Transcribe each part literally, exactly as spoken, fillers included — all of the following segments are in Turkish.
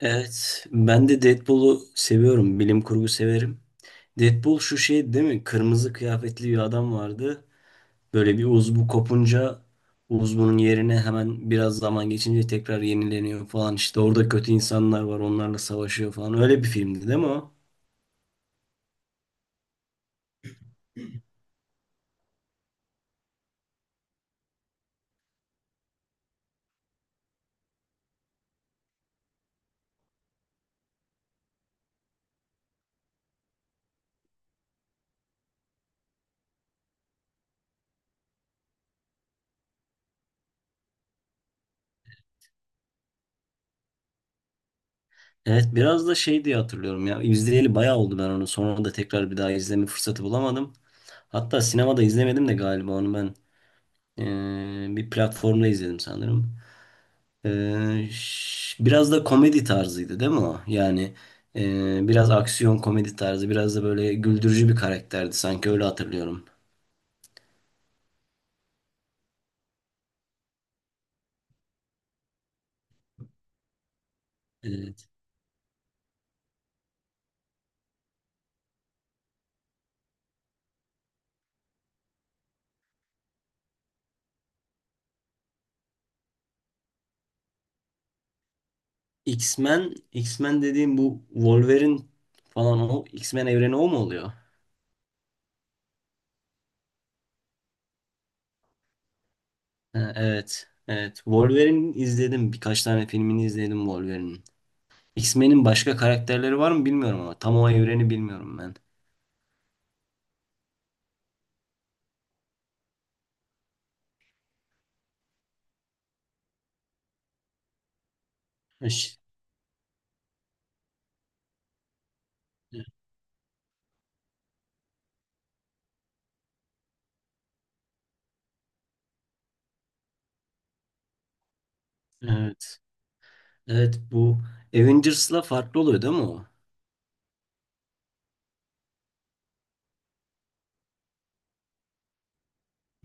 Evet, ben de Deadpool'u seviyorum. Bilim kurgu severim. Deadpool şu şey değil mi? Kırmızı kıyafetli bir adam vardı. Böyle bir uzvu kopunca uzvunun yerine hemen biraz zaman geçince tekrar yenileniyor falan. İşte orada kötü insanlar var, onlarla savaşıyor falan. Öyle bir filmdi değil mi o? Evet, biraz da şey diye hatırlıyorum ya. İzleyeli bayağı oldu ben onu. Sonra da tekrar bir daha izleme fırsatı bulamadım. Hatta sinemada izlemedim de galiba onu ben. Ee, bir platformda izledim sanırım. Ee, ş- biraz da komedi tarzıydı değil mi o? Yani e, biraz aksiyon komedi tarzı, biraz da böyle güldürücü bir karakterdi sanki öyle hatırlıyorum. Evet. X-Men, X-Men dediğim bu Wolverine falan o X-Men evreni o mu oluyor? Ha, evet. Evet. Wolverine izledim. Birkaç tane filmini izledim Wolverine'in. X-Men'in başka karakterleri var mı bilmiyorum ama tam o evreni bilmiyorum ben. Eş- Evet. Evet bu Avengers'la farklı oluyor değil mi o?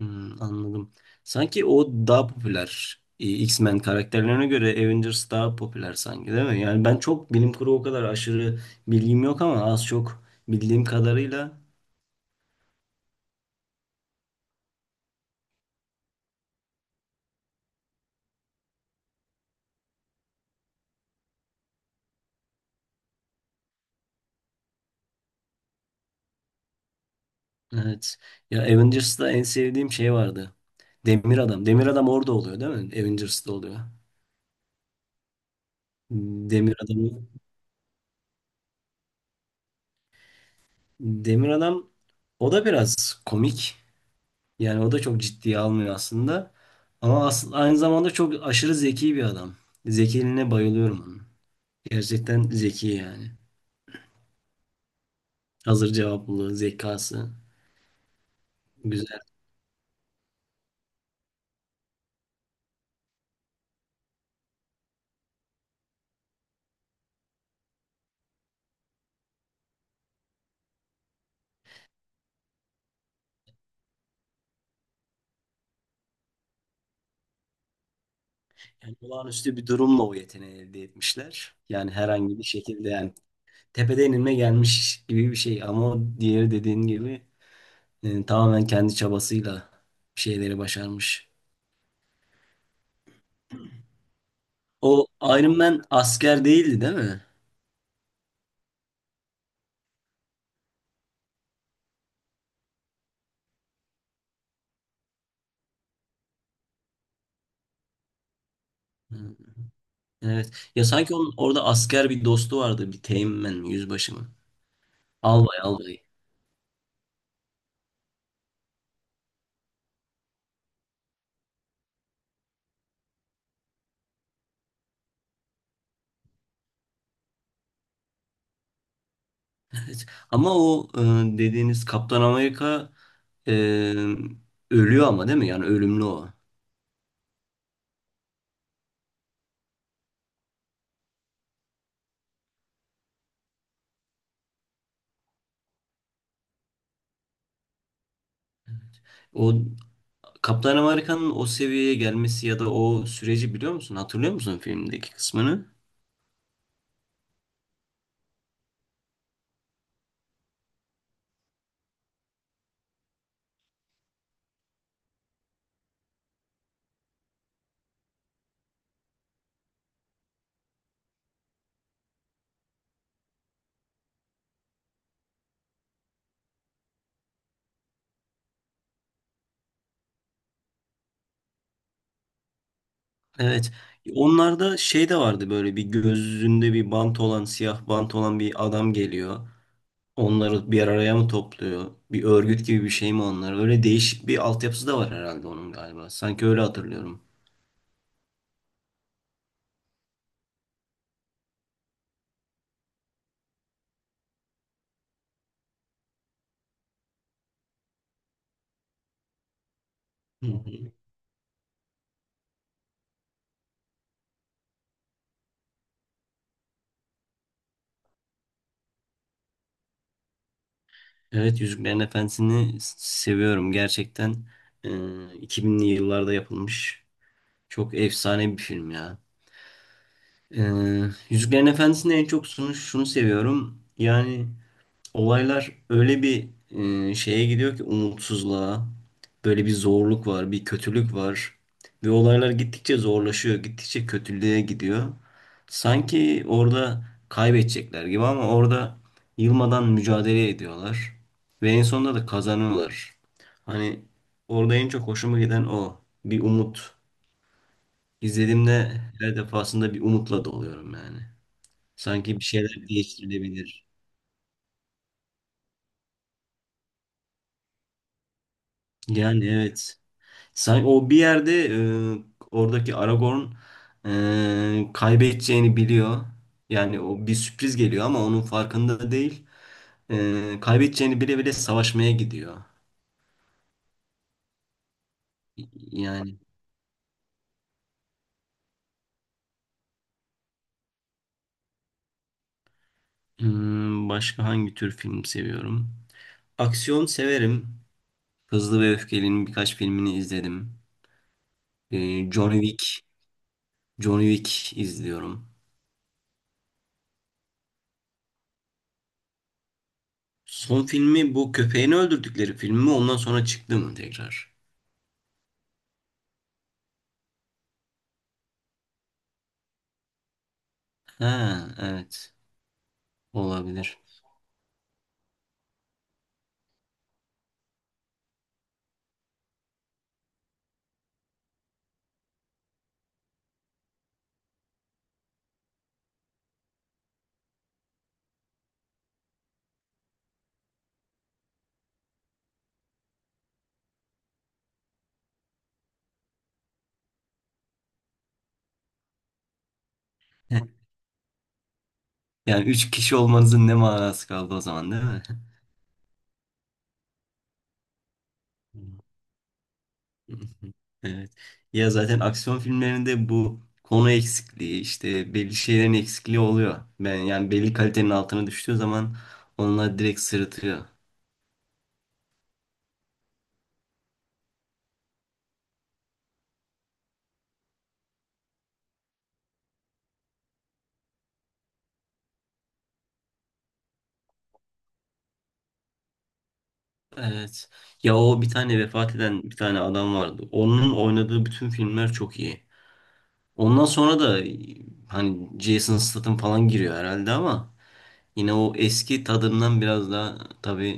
Hmm, anladım. Sanki o daha popüler. E, X-Men karakterlerine göre Avengers daha popüler sanki değil mi? Yani ben çok bilim kurgu o kadar aşırı bilgim yok ama az çok bildiğim kadarıyla evet. Ya Avengers'ta en sevdiğim şey vardı. Demir Adam. Demir Adam orada oluyor değil mi? Avengers'ta oluyor. Demir Adam'ı Demir Adam o da biraz komik. Yani o da çok ciddiye almıyor aslında. Ama as- aynı zamanda çok aşırı zeki bir adam. Zekiliğine bayılıyorum onun. Gerçekten zeki yani. Hazır cevaplı, zekası güzel. Yani olağanüstü bir durumla o yeteneği elde etmişler. Yani herhangi bir şekilde yani tepeden inme gelmiş gibi bir şey. Ama o diğeri dediğin gibi e, tamamen kendi çabasıyla bir şeyleri başarmış. O Iron Man asker değildi değil mi? Hı, Evet. Ya sanki onun orada asker bir dostu vardı. Bir Teğmen mi, yüzbaşı mı? Albay albay. Evet. Ama o e, dediğiniz Kaptan Amerika e, ölüyor ama değil mi? Yani ölümlü o. O Kaptan Amerika'nın o seviyeye gelmesi ya da o süreci biliyor musun? Hatırlıyor musun filmdeki kısmını? Evet. Onlarda şey de vardı böyle bir gözünde bir bant olan siyah bant olan bir adam geliyor. Onları bir araya mı topluyor? Bir örgüt gibi bir şey mi onlar? Öyle değişik bir altyapısı da var herhalde onun galiba. Sanki öyle hatırlıyorum. Hı hı. Evet Yüzüklerin Efendisi'ni s- seviyorum. Gerçekten e, iki binli yıllarda yapılmış çok efsane bir film ya. E, Yüzüklerin Efendisi'ni en çok şunu, şunu seviyorum. Yani olaylar öyle bir e, şeye gidiyor ki umutsuzluğa. Böyle bir zorluk var, bir kötülük var. Ve olaylar gittikçe zorlaşıyor, gittikçe kötülüğe gidiyor. Sanki orada kaybedecekler gibi ama orada yılmadan mücadele ediyorlar. Ve en sonunda da kazanıyorlar. Hani orada en çok hoşuma giden o. Bir umut. İzlediğimde her defasında bir umutla doluyorum yani. Sanki bir şeyler değiştirilebilir. Yani evet. Sanki o bir yerde e, oradaki Aragorn e, kaybedeceğini biliyor. Yani o bir sürpriz geliyor ama onun farkında değil. E, kaybedeceğini bile bile savaşmaya gidiyor. Yani hmm, başka hangi tür film seviyorum? Aksiyon severim. Hızlı ve Öfkeli'nin birkaç filmini izledim. E, Johnny Wick, Johnny Wick izliyorum. Son filmi bu köpeğini öldürdükleri film mi? Ondan sonra çıktı mı tekrar? Ha, evet. Olabilir. Yani üç kişi olmanızın ne manası kaldı o zaman değil mi? Evet. Ya zaten aksiyon filmlerinde bu konu eksikliği, işte belli şeylerin eksikliği oluyor. Ben yani belli kalitenin altına düştüğü zaman onlar direkt sırıtıyor. Evet. Ya o bir tane vefat eden bir tane adam vardı. Onun oynadığı bütün filmler çok iyi. Ondan sonra da hani Jason Statham falan giriyor herhalde ama yine o eski tadından biraz daha tabii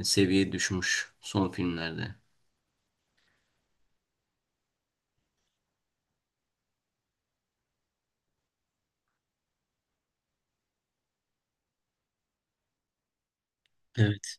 e, seviye düşmüş son filmlerde. Evet.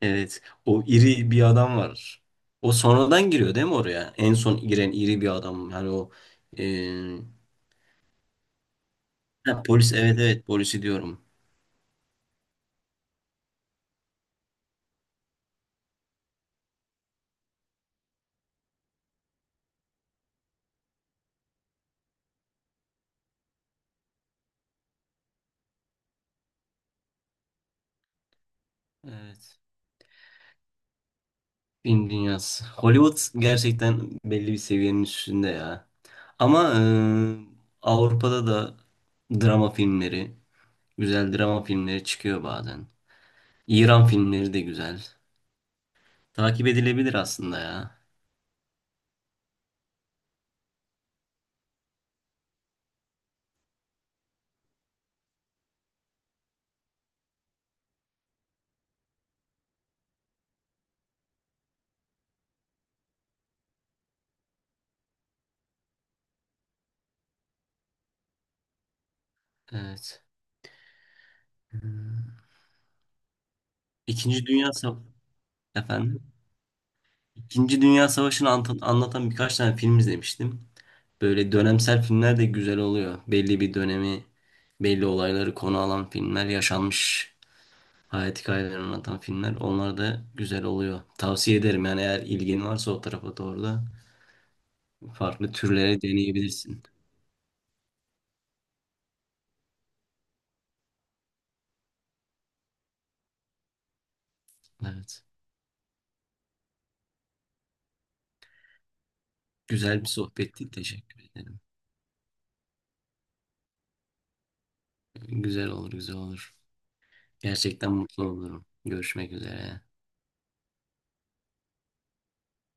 Evet, o iri bir adam var. O sonradan giriyor değil mi oraya? En son giren iri bir adam. Yani o e, ha, polis evet evet polisi diyorum. Evet. Film dünyası. Hollywood gerçekten belli bir seviyenin üstünde ya. Ama e, Avrupa'da da drama filmleri, güzel drama filmleri çıkıyor bazen. İran filmleri de güzel. Takip edilebilir aslında ya. Evet. Hmm. İkinci Dünya Savaşı efendim. İkinci Dünya Savaşı'nı ant- anlatan birkaç tane film izlemiştim. Böyle dönemsel filmler de güzel oluyor. Belli bir dönemi, belli olayları konu alan filmler, yaşanmış hayat hikayelerini anlatan filmler. Onlar da güzel oluyor. Tavsiye ederim yani eğer ilgin varsa o tarafa doğru da farklı türlere deneyebilirsin. Evet. Güzel bir sohbetti. Teşekkür ederim. Güzel olur, güzel olur. Gerçekten mutlu olurum. Görüşmek üzere.